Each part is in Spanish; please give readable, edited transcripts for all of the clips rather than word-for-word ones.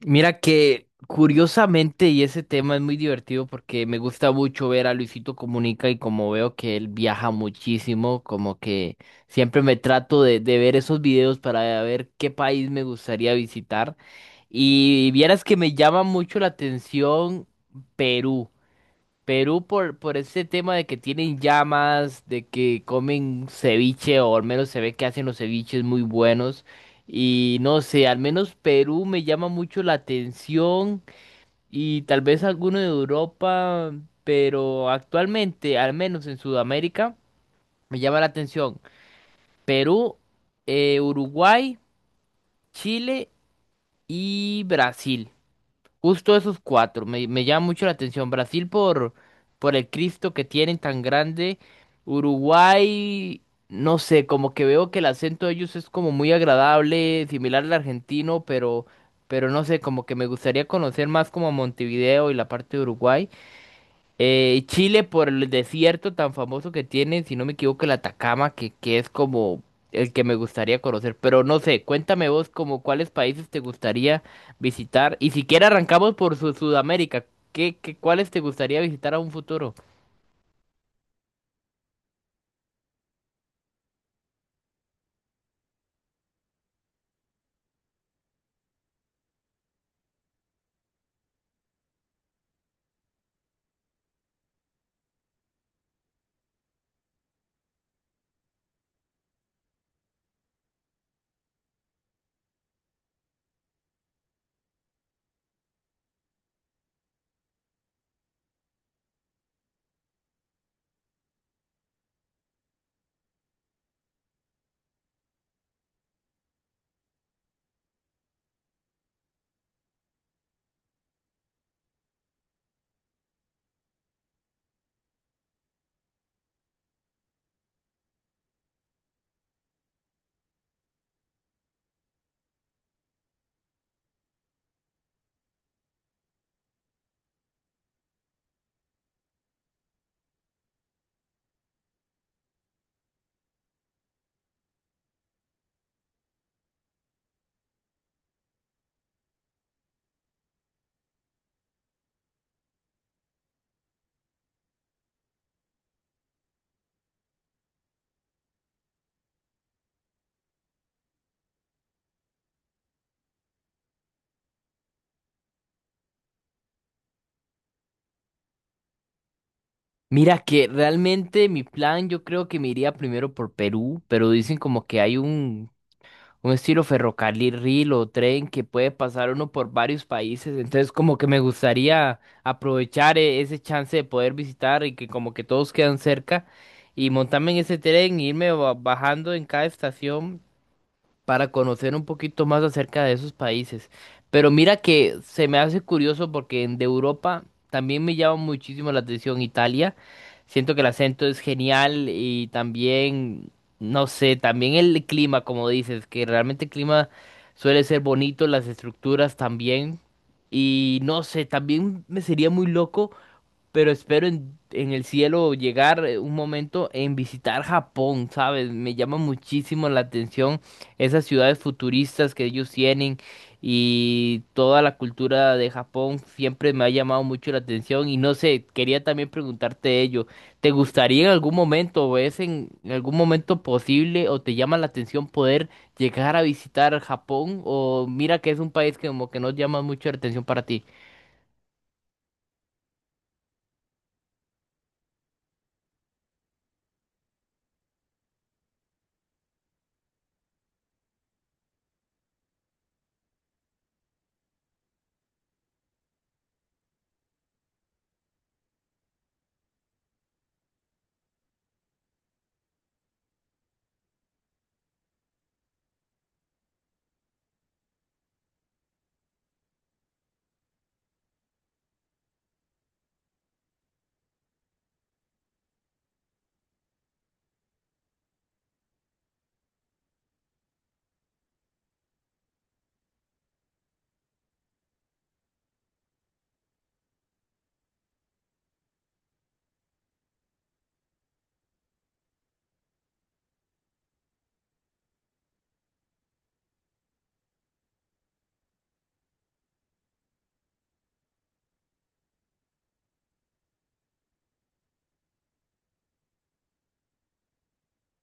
Mira que curiosamente, y ese tema es muy divertido porque me gusta mucho ver a Luisito Comunica y como veo que él viaja muchísimo, como que siempre me trato de ver esos videos para ver qué país me gustaría visitar. Y vieras que me llama mucho la atención Perú. Perú por ese tema de que tienen llamas, de que comen ceviche, o al menos se ve que hacen los ceviches muy buenos. Y no sé, al menos Perú me llama mucho la atención y tal vez alguno de Europa, pero actualmente, al menos en Sudamérica, me llama la atención Perú, Uruguay, Chile y Brasil. Justo esos cuatro. Me llama mucho la atención. Brasil por el Cristo que tienen tan grande. Uruguay, no sé, como que veo que el acento de ellos es como muy agradable, similar al argentino, pero no sé, como que me gustaría conocer más como Montevideo y la parte de Uruguay. Chile por el desierto tan famoso que tiene, si no me equivoco, el Atacama, que es como el que me gustaría conocer. Pero no sé, cuéntame vos como cuáles países te gustaría visitar. Y siquiera arrancamos por Sudamérica. Cuáles te gustaría visitar a un futuro? Mira que realmente mi plan, yo creo que me iría primero por Perú, pero dicen como que hay un estilo ferrocarril o tren que puede pasar uno por varios países. Entonces, como que me gustaría aprovechar ese chance de poder visitar y que como que todos quedan cerca y montarme en ese tren e irme bajando en cada estación para conocer un poquito más acerca de esos países. Pero mira que se me hace curioso porque de Europa también me llama muchísimo la atención Italia. Siento que el acento es genial y también, no sé, también el clima, como dices, que realmente el clima suele ser bonito, las estructuras también. Y no sé, también me sería muy loco, pero espero en el cielo llegar un momento en visitar Japón, ¿sabes? Me llama muchísimo la atención esas ciudades futuristas que ellos tienen y toda la cultura de Japón siempre me ha llamado mucho la atención y no sé, quería también preguntarte ello, ¿te gustaría en algún momento o es en algún momento posible o te llama la atención poder llegar a visitar Japón o mira que es un país que como que no llama mucho la atención para ti?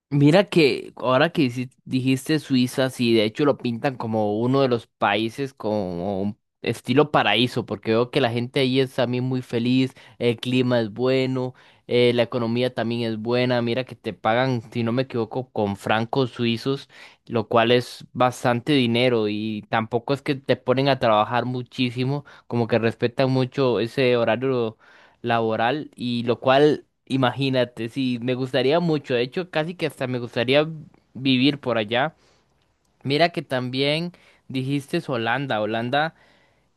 Mira que ahora que dijiste Suiza, sí, de hecho lo pintan como uno de los países como un estilo paraíso, porque veo que la gente ahí es también muy feliz, el clima es bueno, la economía también es buena, mira que te pagan, si no me equivoco, con francos suizos, lo cual es bastante dinero y tampoco es que te ponen a trabajar muchísimo, como que respetan mucho ese horario laboral y lo cual. Imagínate, sí, me gustaría mucho, de hecho, casi que hasta me gustaría vivir por allá. Mira que también dijiste Holanda, Holanda.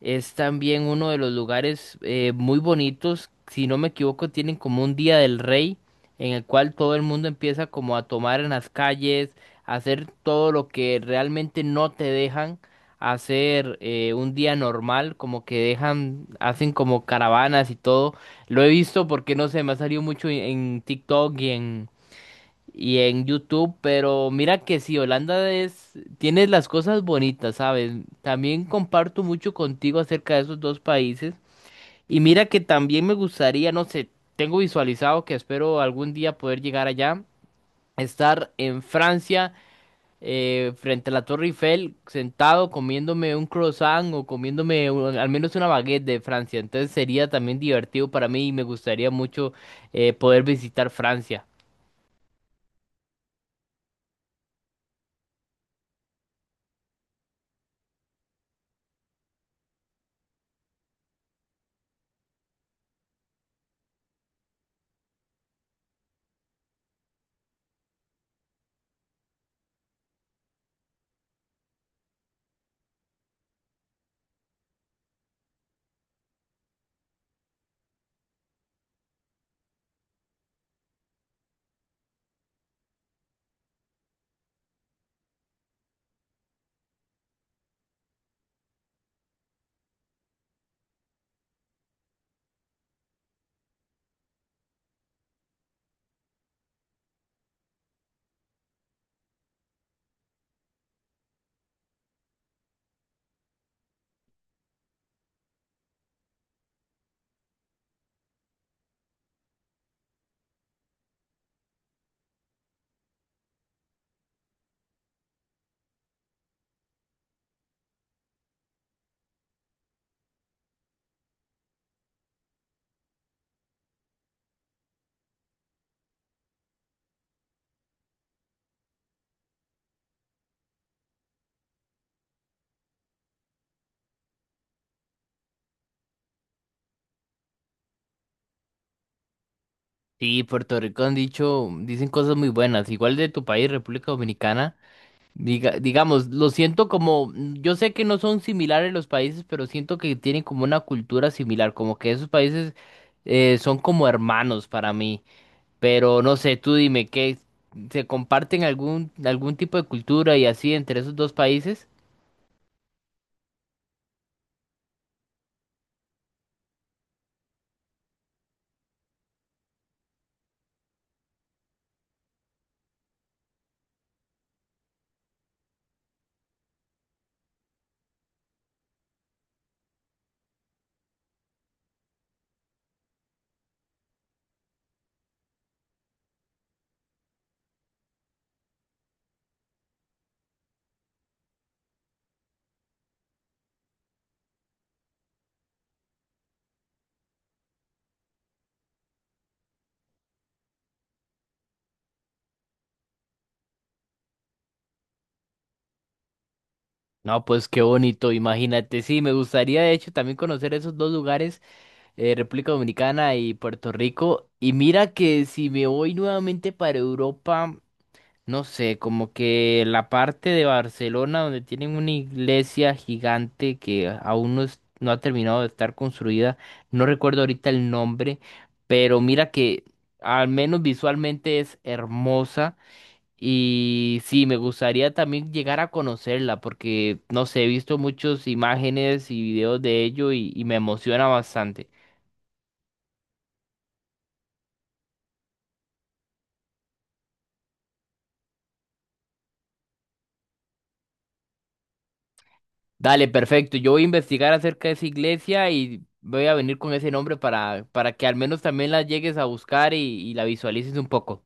Es también uno de los lugares muy bonitos. Si no me equivoco, tienen como un Día del Rey en el cual todo el mundo empieza como a tomar en las calles, a hacer todo lo que realmente no te dejan hacer un día normal, como que dejan, hacen como caravanas y todo. Lo he visto porque no sé, me ha salido mucho en TikTok y en YouTube, pero mira que sí, Holanda es, tiene las cosas bonitas, ¿sabes? También comparto mucho contigo acerca de esos dos países y mira que también me gustaría, no sé, tengo visualizado que espero algún día poder llegar allá, estar en Francia frente a la Torre Eiffel, sentado comiéndome un croissant o comiéndome al menos una baguette de Francia, entonces sería también divertido para mí y me gustaría mucho poder visitar Francia. Sí, Puerto Rico han dicho, dicen cosas muy buenas, igual de tu país, República Dominicana. Digamos, lo siento como, yo sé que no son similares los países, pero siento que tienen como una cultura similar, como que esos países son como hermanos para mí. Pero no sé, tú dime, ¿qué se comparten algún tipo de cultura y así entre esos dos países? No, pues qué bonito, imagínate. Sí, me gustaría de hecho también conocer esos dos lugares, República Dominicana y Puerto Rico. Y mira que si me voy nuevamente para Europa, no sé, como que la parte de Barcelona donde tienen una iglesia gigante que aún no, no ha terminado de estar construida, no recuerdo ahorita el nombre, pero mira que al menos visualmente es hermosa. Y sí, me gustaría también llegar a conocerla porque, no sé, he visto muchas imágenes y videos de ello y me emociona bastante. Dale, perfecto. Yo voy a investigar acerca de esa iglesia y voy a venir con ese nombre para que al menos también la llegues a buscar y la visualices un poco.